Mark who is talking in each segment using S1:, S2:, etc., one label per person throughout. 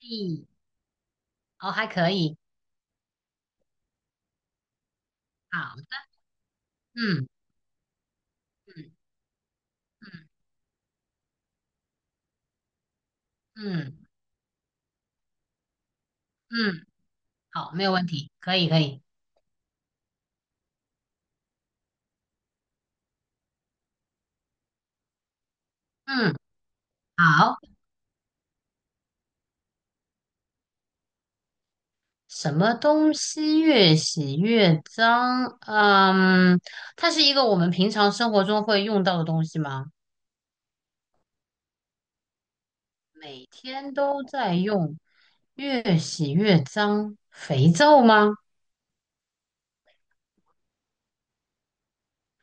S1: 嗯，哦，还可以。好。嗯嗯嗯嗯嗯，好，没有问题，可以可以。嗯，好。什么东西越洗越脏？嗯，它是一个我们平常生活中会用到的东西吗？每天都在用，越洗越脏，肥皂吗？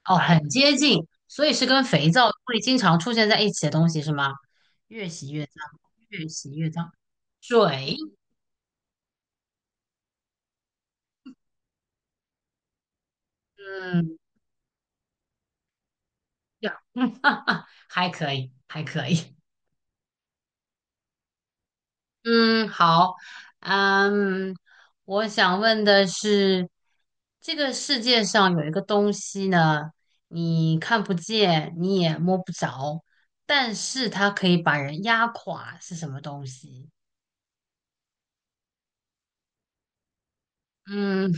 S1: 哦，很接近，所以是跟肥皂会经常出现在一起的东西是吗？越洗越脏。越洗越脏。水。嗯。呀，嗯，哈哈，还可以，还可以。嗯，好。嗯，我想问的是，这个世界上有一个东西呢，你看不见，你也摸不着，但是它可以把人压垮，是什么东西？嗯，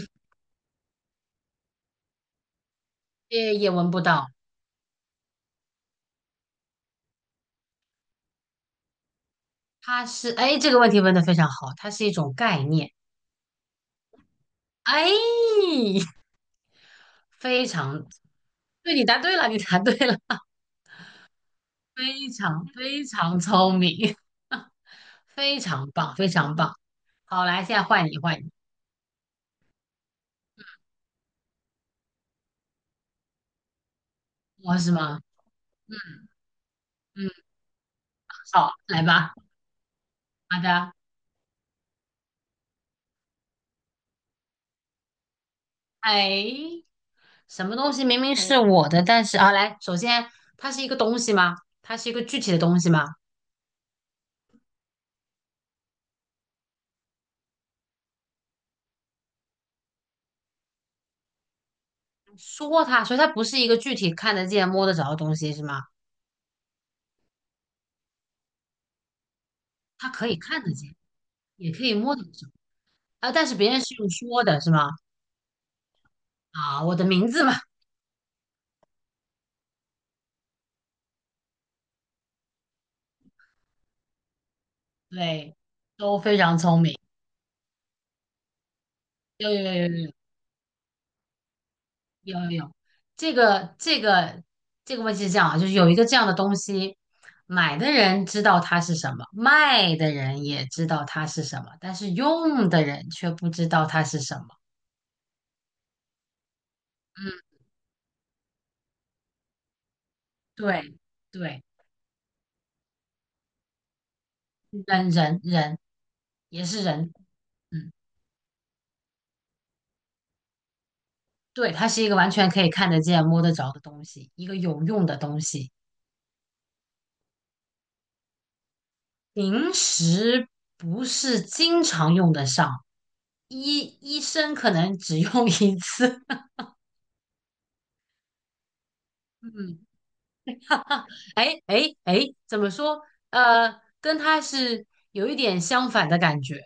S1: 也闻不到。它是，哎，这个问题问得非常好，它是一种概念。哎，非常对，你答对了，你答对了。非常非常聪明。非常棒，非常棒。好，来，现在换你，换你。我是吗？嗯，嗯，好，来吧。好的。哎，什么东西明明是我的，但是啊，来，首先它是一个东西吗？它是一个具体的东西吗？说它，所以它不是一个具体看得见、摸得着的东西，是吗？它可以看得见，也可以摸得着啊，但是别人是用说的，是吗？啊，我的名字嘛。对，都非常聪明。有有有有有有，这个这个问题是这样啊，就是有一个这样的东西，买的人知道它是什么，卖的人也知道它是什么，但是用的人却不知道它是什么。嗯，对对。人人人也是人。嗯，对，它是一个完全可以看得见、摸得着的东西，一个有用的东西。平时不是经常用得上，医生可能只用一次。嗯。哈，哎，怎么说？跟他是有一点相反的感觉。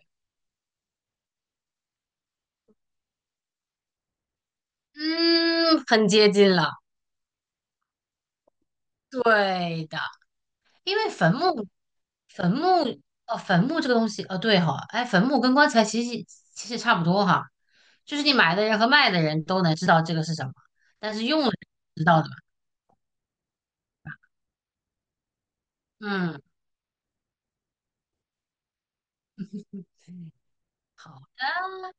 S1: 嗯，很接近了。对的，因为坟墓。坟墓，哦，坟墓这个东西，哦，对哈。哎，坟墓跟棺材其实差不多哈，就是你买的人和卖的人都能知道这个是什么，知道的吧？嗯。好的。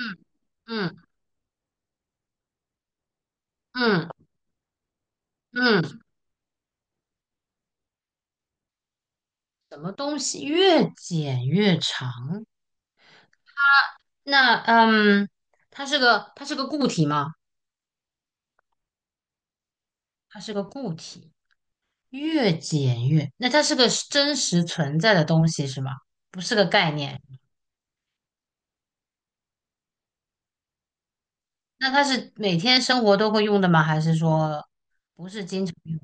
S1: 嗯嗯嗯嗯，什么东西越剪越长？那它是个固体吗？它是个固体。越剪越，那它是个是真实存在的东西是吗？不是个概念。那它是每天生活都会用的吗？还是说不是经常用？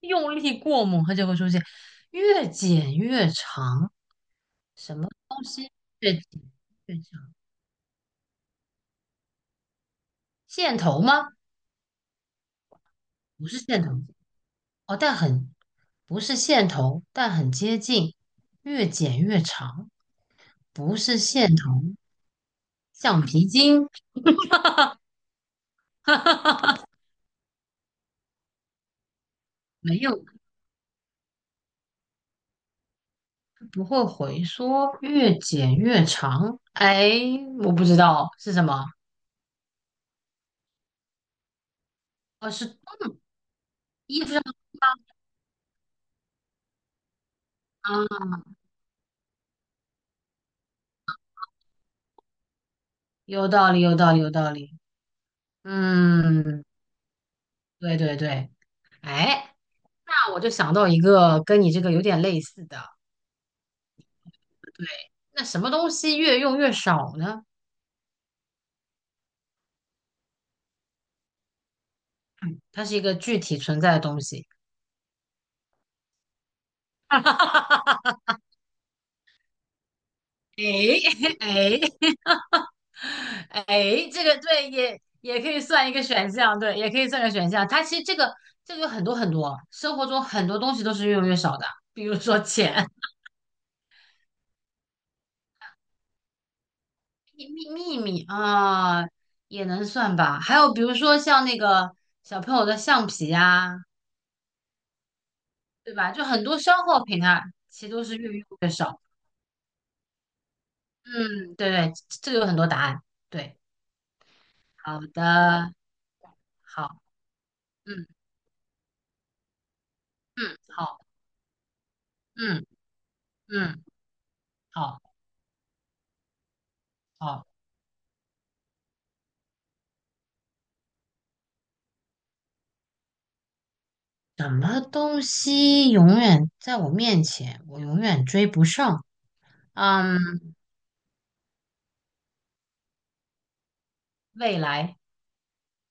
S1: 用力过猛，它就会出现。越剪越长，什么东西越剪越长？线头吗？不是线头。哦，但很不是线头，但很接近。越剪越长。不是线头。橡皮筋。没有，不会回缩，越剪越长。哎，我不知道是什么。哦，是衣服上啊。有道理，有道理，有道理。嗯，对对对。哎，那我就想到一个跟你这个有点类似的。对，那什么东西越用越少呢？它是一个具体存在的东西。哈哈哈哈哎哎，哎 哎，这个对，也也可以算一个选项，对，也可以算个选项。它其实这个有很多很多，生活中很多东西都是越用越少的，比如说钱、秘秘秘密啊，也能算吧。还有比如说像那个小朋友的橡皮呀，对吧？就很多消耗品啊，其实都是越用越少。嗯，对对，这个有很多答案。对。好的。好。嗯嗯，好。嗯嗯，好好。什么东西永远在我面前，我永远追不上？嗯，未来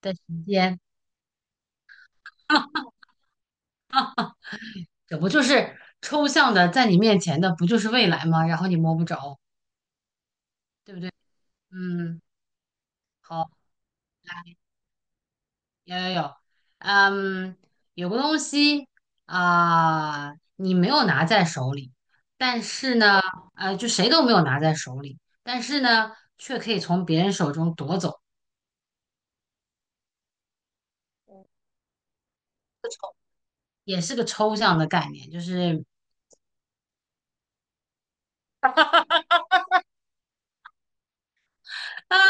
S1: 的时间。这不就是抽象的在你面前的，不就是未来吗？然后你摸不着，对不对？嗯。好。有有有，嗯，有个东西啊，你没有拿在手里，但是呢，就谁都没有拿在手里，但是呢，却可以从别人手中夺走，也是个抽象的概念，就是。啊。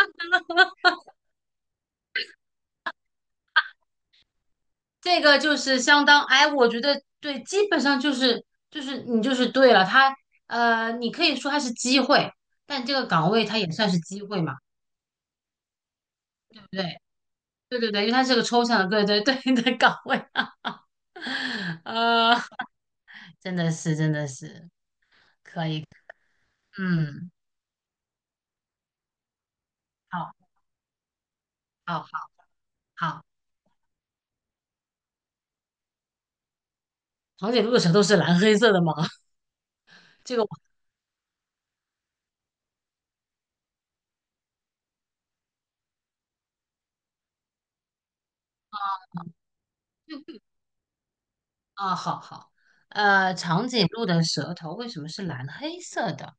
S1: 这个就是相当，哎，我觉得对，基本上就是就是你就是对了，他你可以说它是机会，但这个岗位它也算是机会嘛，对不对？对对对，因为它是个抽象的，对对对的岗位。呃，真的是可以。嗯，好，好，好，好。堂姐露的舌头是蓝黑色的吗？这个。啊，好好。长颈鹿的舌头为什么是蓝黑色的？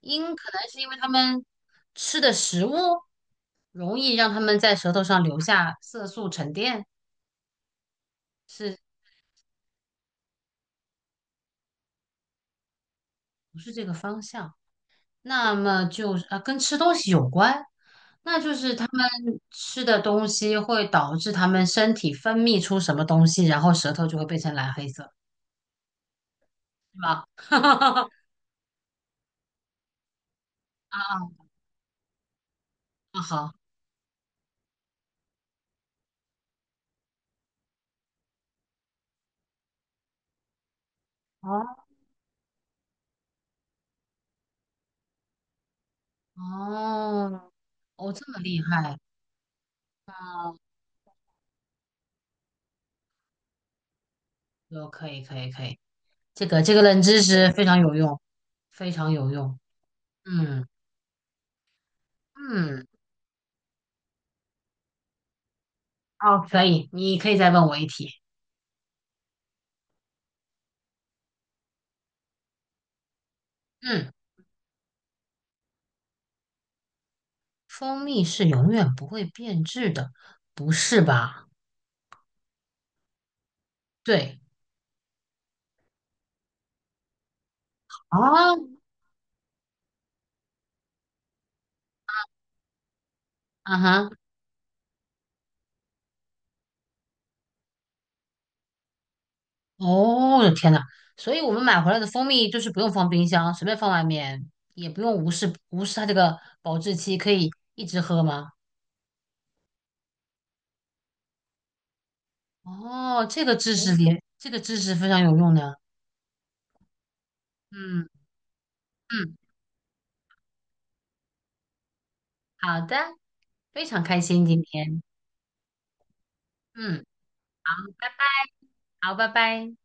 S1: 因可能是因为它们吃的食物容易让它们在舌头上留下色素沉淀。是不是这个方向？那么就是啊，跟吃东西有关，那就是它们吃的东西会导致它们身体分泌出什么东西，然后舌头就会变成蓝黑色，是吧？啊啊好。哦哦，哦，这么厉害。有，可以，可以，可以，这个冷知识非常有用，非常有用。嗯嗯。哦，可以，你可以再问我一题。嗯，蜂蜜是永远不会变质的，不是吧？对。啊，啊哈，哦，我的天呐，所以我们买回来的蜂蜜就是不用放冰箱，随便放外面，也不用无视它这个保质期，可以一直喝吗？哦，这个知识点，这个知识非常有用的。嗯嗯。好的，非常开心今天。嗯，好，拜拜。好，拜拜。